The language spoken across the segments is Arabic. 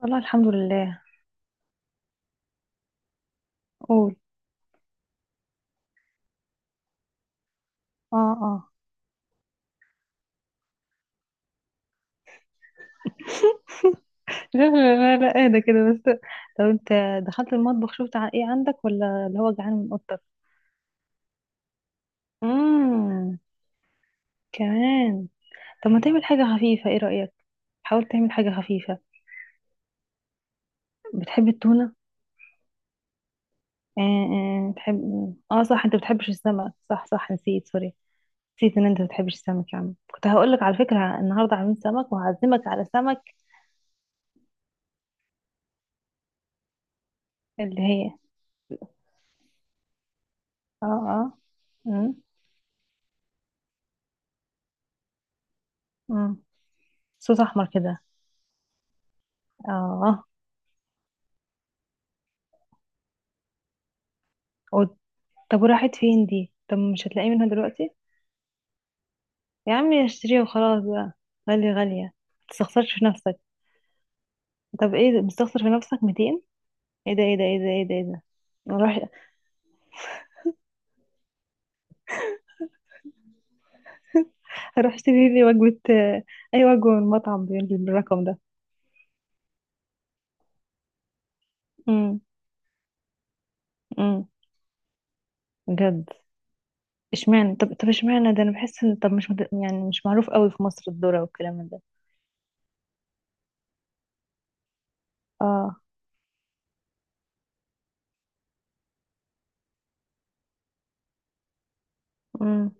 والله الحمد لله. قول. اه. اه. لا لا لا، اهدى كده بس. طب انت دخلت المطبخ شفت ايه عندك ولا اللي هو جعان من اكتر؟ امم. كمان. طب ما تعمل حاجة خفيفة، ايه رأيك؟ حاول تعمل حاجة خفيفة. بتحب التونة؟ آه آه بتحب. اه صح، انت بتحبش السمك، صح صح، نسيت، سوري. نسيت ان انت بتحبش السمك يا عم، كنت هقولك على فكرة النهاردة عاملين سمك وهعزمك على سمك. اللي هي؟ اه اه. مم. مم. صوص احمر كده؟ اه. طب وراحت فين دي؟ طب مش هتلاقيه منها دلوقتي؟ يا عمي اشتريها وخلاص بقى. غالية غالية، ما تستخسرش في نفسك. طب ايه ده؟ مستخسر في نفسك 200؟ ايه ده ايه ده ايه ده ايه ده ايه ده! اروح، اروح اشتري لي وجبة اي وجبة من مطعم بالرقم ده؟ امم. امم. بجد؟ اشمعنى؟ طب اشمعنى ده؟ انا بحس ان، طب مش يعني مش معروف قوي في مصر الذرة والكلام من ده. اه. امم.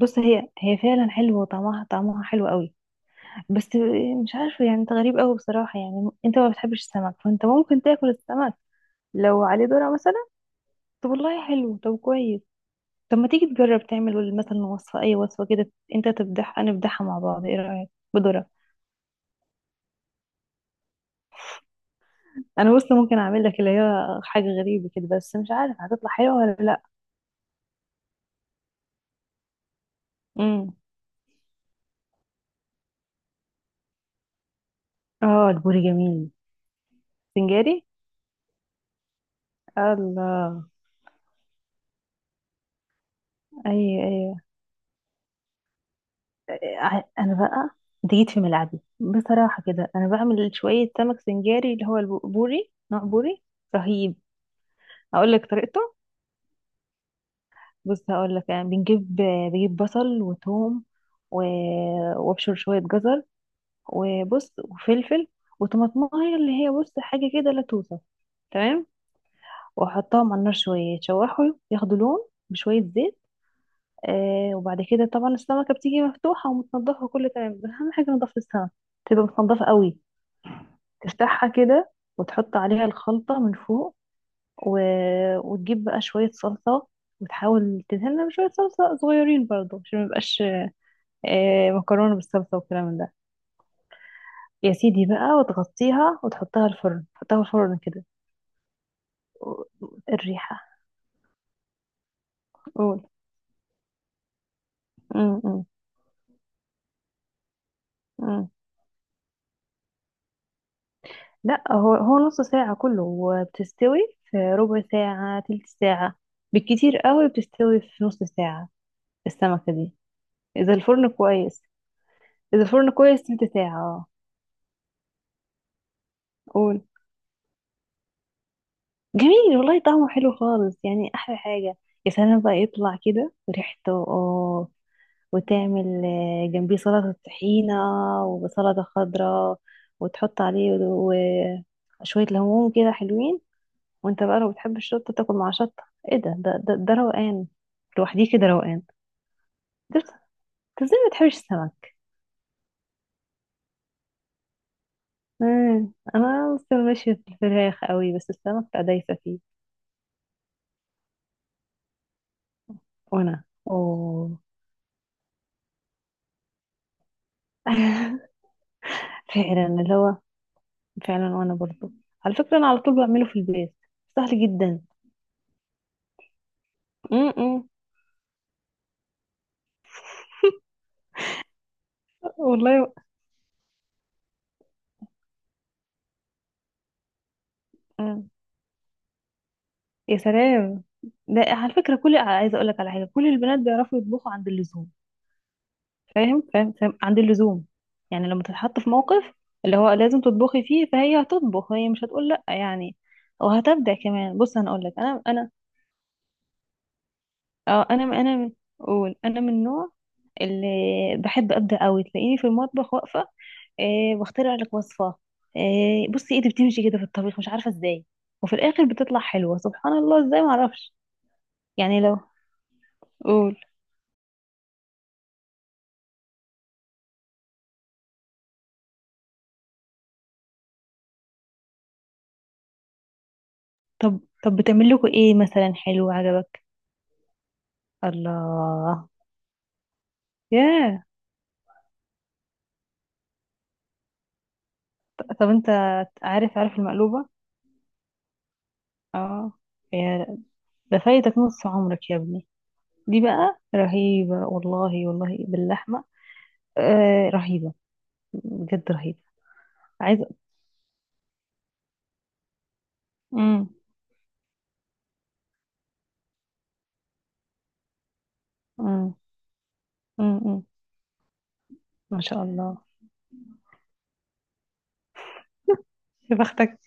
بص، هي فعلا حلوة وطعمها، طعمها حلو قوي. بس مش عارفة يعني، انت غريب قوي بصراحة. يعني انت ما بتحبش السمك، فانت ممكن تاكل السمك لو عليه ذرة مثلا؟ طب والله حلو، طب كويس. طب ما تيجي تجرب تعمل مثلا وصفة، اي وصفة كده، انت تبدح انا ابدحها مع بعض، ايه رأيك بذرة؟ انا بص، ممكن اعمل لك اللي هي حاجة غريبة كده، بس مش عارف هتطلع حلوة ولا لا. امم. اه، البوري جميل. سنجاري. الله. ايوه ايوه. انا بقى، انت جيت في ملعبي بصراحه كده، انا بعمل شويه سمك سنجاري، اللي هو البوري، نوع بوري رهيب. اقول لك طريقته. بص هقول لك، يعني بنجيب. بجيب بصل وثوم و... وابشر شويه جزر، وبص وفلفل، وطماطمايه اللي هي، بص حاجه كده لا توصف. تمام. واحطهم على النار شويه يتشوحوا، ياخدوا لون، بشويه زيت. آه، وبعد كده طبعا السمكه بتيجي مفتوحه ومتنضفه كله تمام، بس اهم حاجه نضافه السمك، تبقى متنضفه قوي. تفتحها كده، وتحط عليها الخلطة من فوق، و... وتجيب بقى شوية صلصة، وتحاول تدهنها بشوية صلصة صغيرين برضو عشان ميبقاش مكرونة بالصلصة والكلام من ده. يا سيدي بقى، وتغطيها وتحطها الفرن، تحطها الفرن كده و- الريحة. قول. م- م- م. لا، هو هو نص ساعة كله وبتستوي. في ربع ساعة، تلت ساعة بالكتير قوي بتستوي، في نص ساعة السمكة دي. إذا الفرن كويس، إذا الفرن كويس تلت ساعة. قول. جميل والله، طعمه حلو خالص، يعني احلى حاجه. يا سلام بقى يطلع كده ريحته، اه. وتعمل جنبيه سلطه طحينه، وسلطه خضراء، وتحط عليه وشويه ليمون كده حلوين. وانت بقى لو بتحب الشطه تاكل مع شطه. ايه ده، ده ده روقان. لوحديه كده روقان. انت، إنت ازاي ما بتحبش السمك؟ انا لسه ماشيه في الفراخ قوي، بس السمك بقى دايسه فيه. وانا اوه. فعلا اللي هو. فعلا، وانا برضو على فكرة انا على طول بعمله في البيت، سهل جدا. امم. والله. أمم. يا سلام. ده على فكرة، كل، عايزة اقول لك على حاجة، كل البنات بيعرفوا يطبخوا عند اللزوم. فاهم فاهم فاهم، عند اللزوم. يعني لما تتحط في موقف اللي هو لازم تطبخي فيه، فهي هتطبخ، هي مش هتقول لا، يعني، وهتبدع كمان. بص انا اقول لك، انا اه انا اقول، انا من النوع اللي بحب ابدع قوي، تلاقيني في المطبخ واقفة، آه واخترع لك وصفة. آه، بصي ايدي بتمشي كده في الطبيخ مش عارفة ازاي، وفي الاخر بتطلع حلوة سبحان الله ازاي معرفش. يعني لو، قول. طب طب بتعمل لكم ايه مثلا حلو عجبك؟ الله. ياه. طب انت عارف، عارف المقلوبة؟ اه. يا، ده فايتك نص عمرك يا ابني. دي بقى رهيبة، والله والله، باللحمة. آه رهيبة، بجد رهيبة. عايزة. امم. امم. امم. ما شاء الله. يا بختك،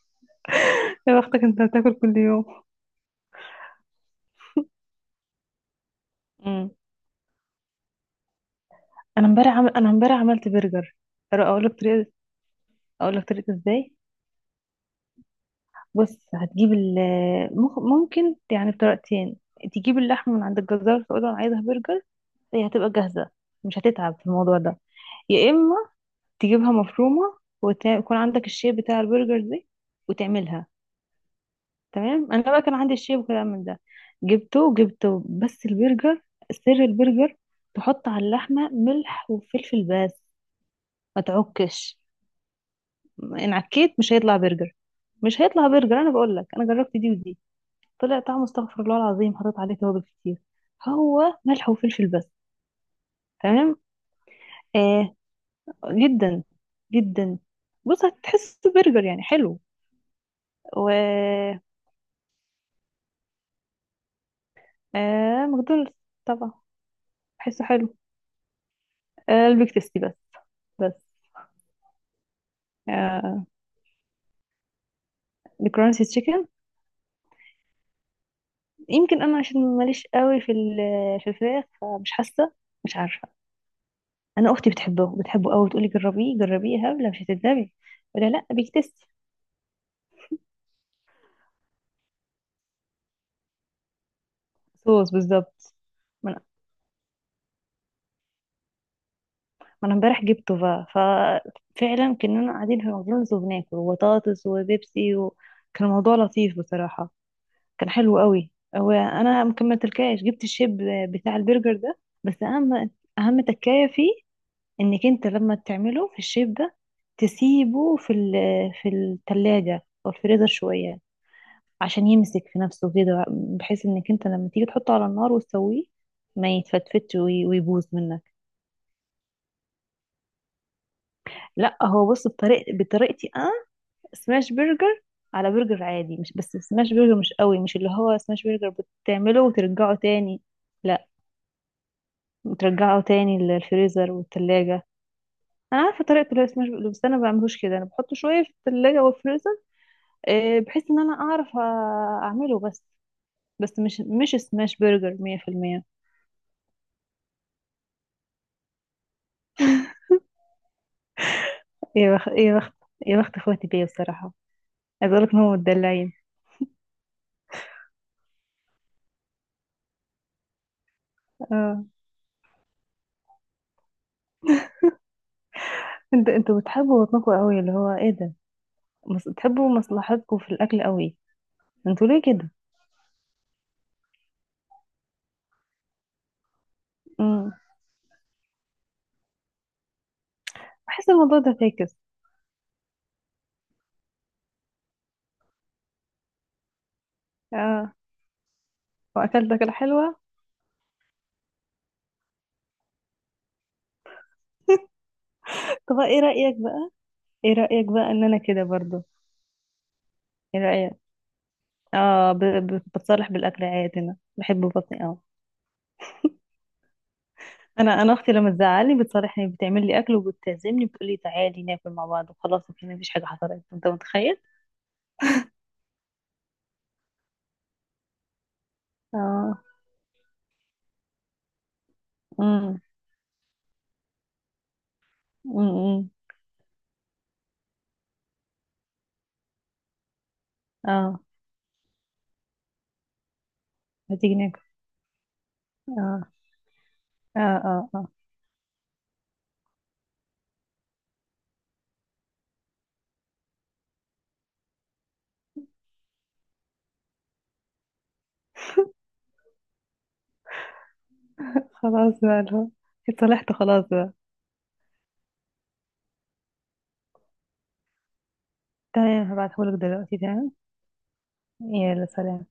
يا بختك انت بتاكل كل يوم. امم. انا امبارح انا امبارح عملت برجر. اقول لك طريقه. اقول لك طريقه ازاي. بص هتجيب ممكن يعني بطريقتين. تجيب اللحمه من عند الجزار، تقول له انا عايزها برجر، هي هتبقى جاهزه، مش هتتعب في الموضوع ده. يا اما تجيبها مفرومه، ويكون عندك الشيب بتاع البرجر دي وتعملها. تمام. انا بقى كان عندي الشيب وكلام من ده، جبته جبته. بس البرجر، سر البرجر، تحط على اللحمه ملح وفلفل بس، ما تعكش. ان عكيت مش هيطلع برجر، مش هيطلع برجر. انا بقول لك انا جربت دي ودي، طلع طعمه استغفر الله العظيم، حطيت عليه توابل كتير. هو ملح وفلفل بس. تمام. آه، جدا جدا. بص هتحس برجر يعني حلو. و آه ماكدونالدز طبعا. بحسه حلو. آه، البيك تيستي بس. بس. آه، الكرانسي تشيكن. يمكن انا عشان ماليش قوي في في الفراخ، فمش حاسه، مش عارفه. انا اختي بتحبه، بتحبه قوي، تقولي جربيه جربيه يا هبله مش هتندمي، ولا لا بيكتستي. صوص بالظبط. ما انا ما أنا امبارح جبته بقى، ففعلا كنا قاعدين في ماكدونالدز وبناكل وبطاطس وبيبسي، وكان الموضوع لطيف بصراحه، كان حلو قوي. وانا مكملتلكاش، جبت الشيب بتاع البرجر ده. بس اهم، اهم تكايه فيه، انك انت لما تعمله في الشيب ده، تسيبه في في الثلاجه او الفريزر شويه، عشان يمسك في نفسه كده، بحيث انك انت لما تيجي تحطه على النار وتسويه ما يتفتفتش ويبوظ منك. لا هو بص، بطريقتي انا سماش برجر، على برجر عادي. مش بس سماش برجر، مش قوي مش اللي هو سماش برجر بتعمله وترجعه تاني. لا، بترجعه تاني للفريزر والتلاجة. انا عارفه طريقه اللي هو سماش برجر، بس انا ما بعملوش كده، انا بحطه شويه في التلاجة والفريزر، بحيث ان انا اعرف اعمله بس. بس مش، مش سماش برجر 100%. إيه يا يا بخت، يا بخت اخواتي بيا بصراحة. عايز اقولك ان هم متدلعين. اه. انت، انتوا بتحبوا بطنكم قوي اللي هو ايه ده. بتحبوا مصلحتكم في الاكل قوي. انتوا ليه كده؟ امم. بحس الموضوع ده فاكس. اه. واكلت اكلة حلوة. طب ايه رأيك بقى. ايه رأيك بقى ان انا كده برضو. ايه رأيك. اه، بتصالح بالاكل عادي، انا بحب بطني قوي. انا اختي لما تزعلني، بتصالحني، بتعمل لي اكل وبتعزمني، بتقول لي تعالي ناكل مع بعض وخلاص، وكده مفيش حاجة حصلت، انت متخيل. اه. امم. امم. اه. هتيجي ناكل. اه اه اه اه. خلاص بقى اللي هو، اتصلحت خلاص بقى. تمام هبعتهولك دلوقتي، تمام. يلا سلام.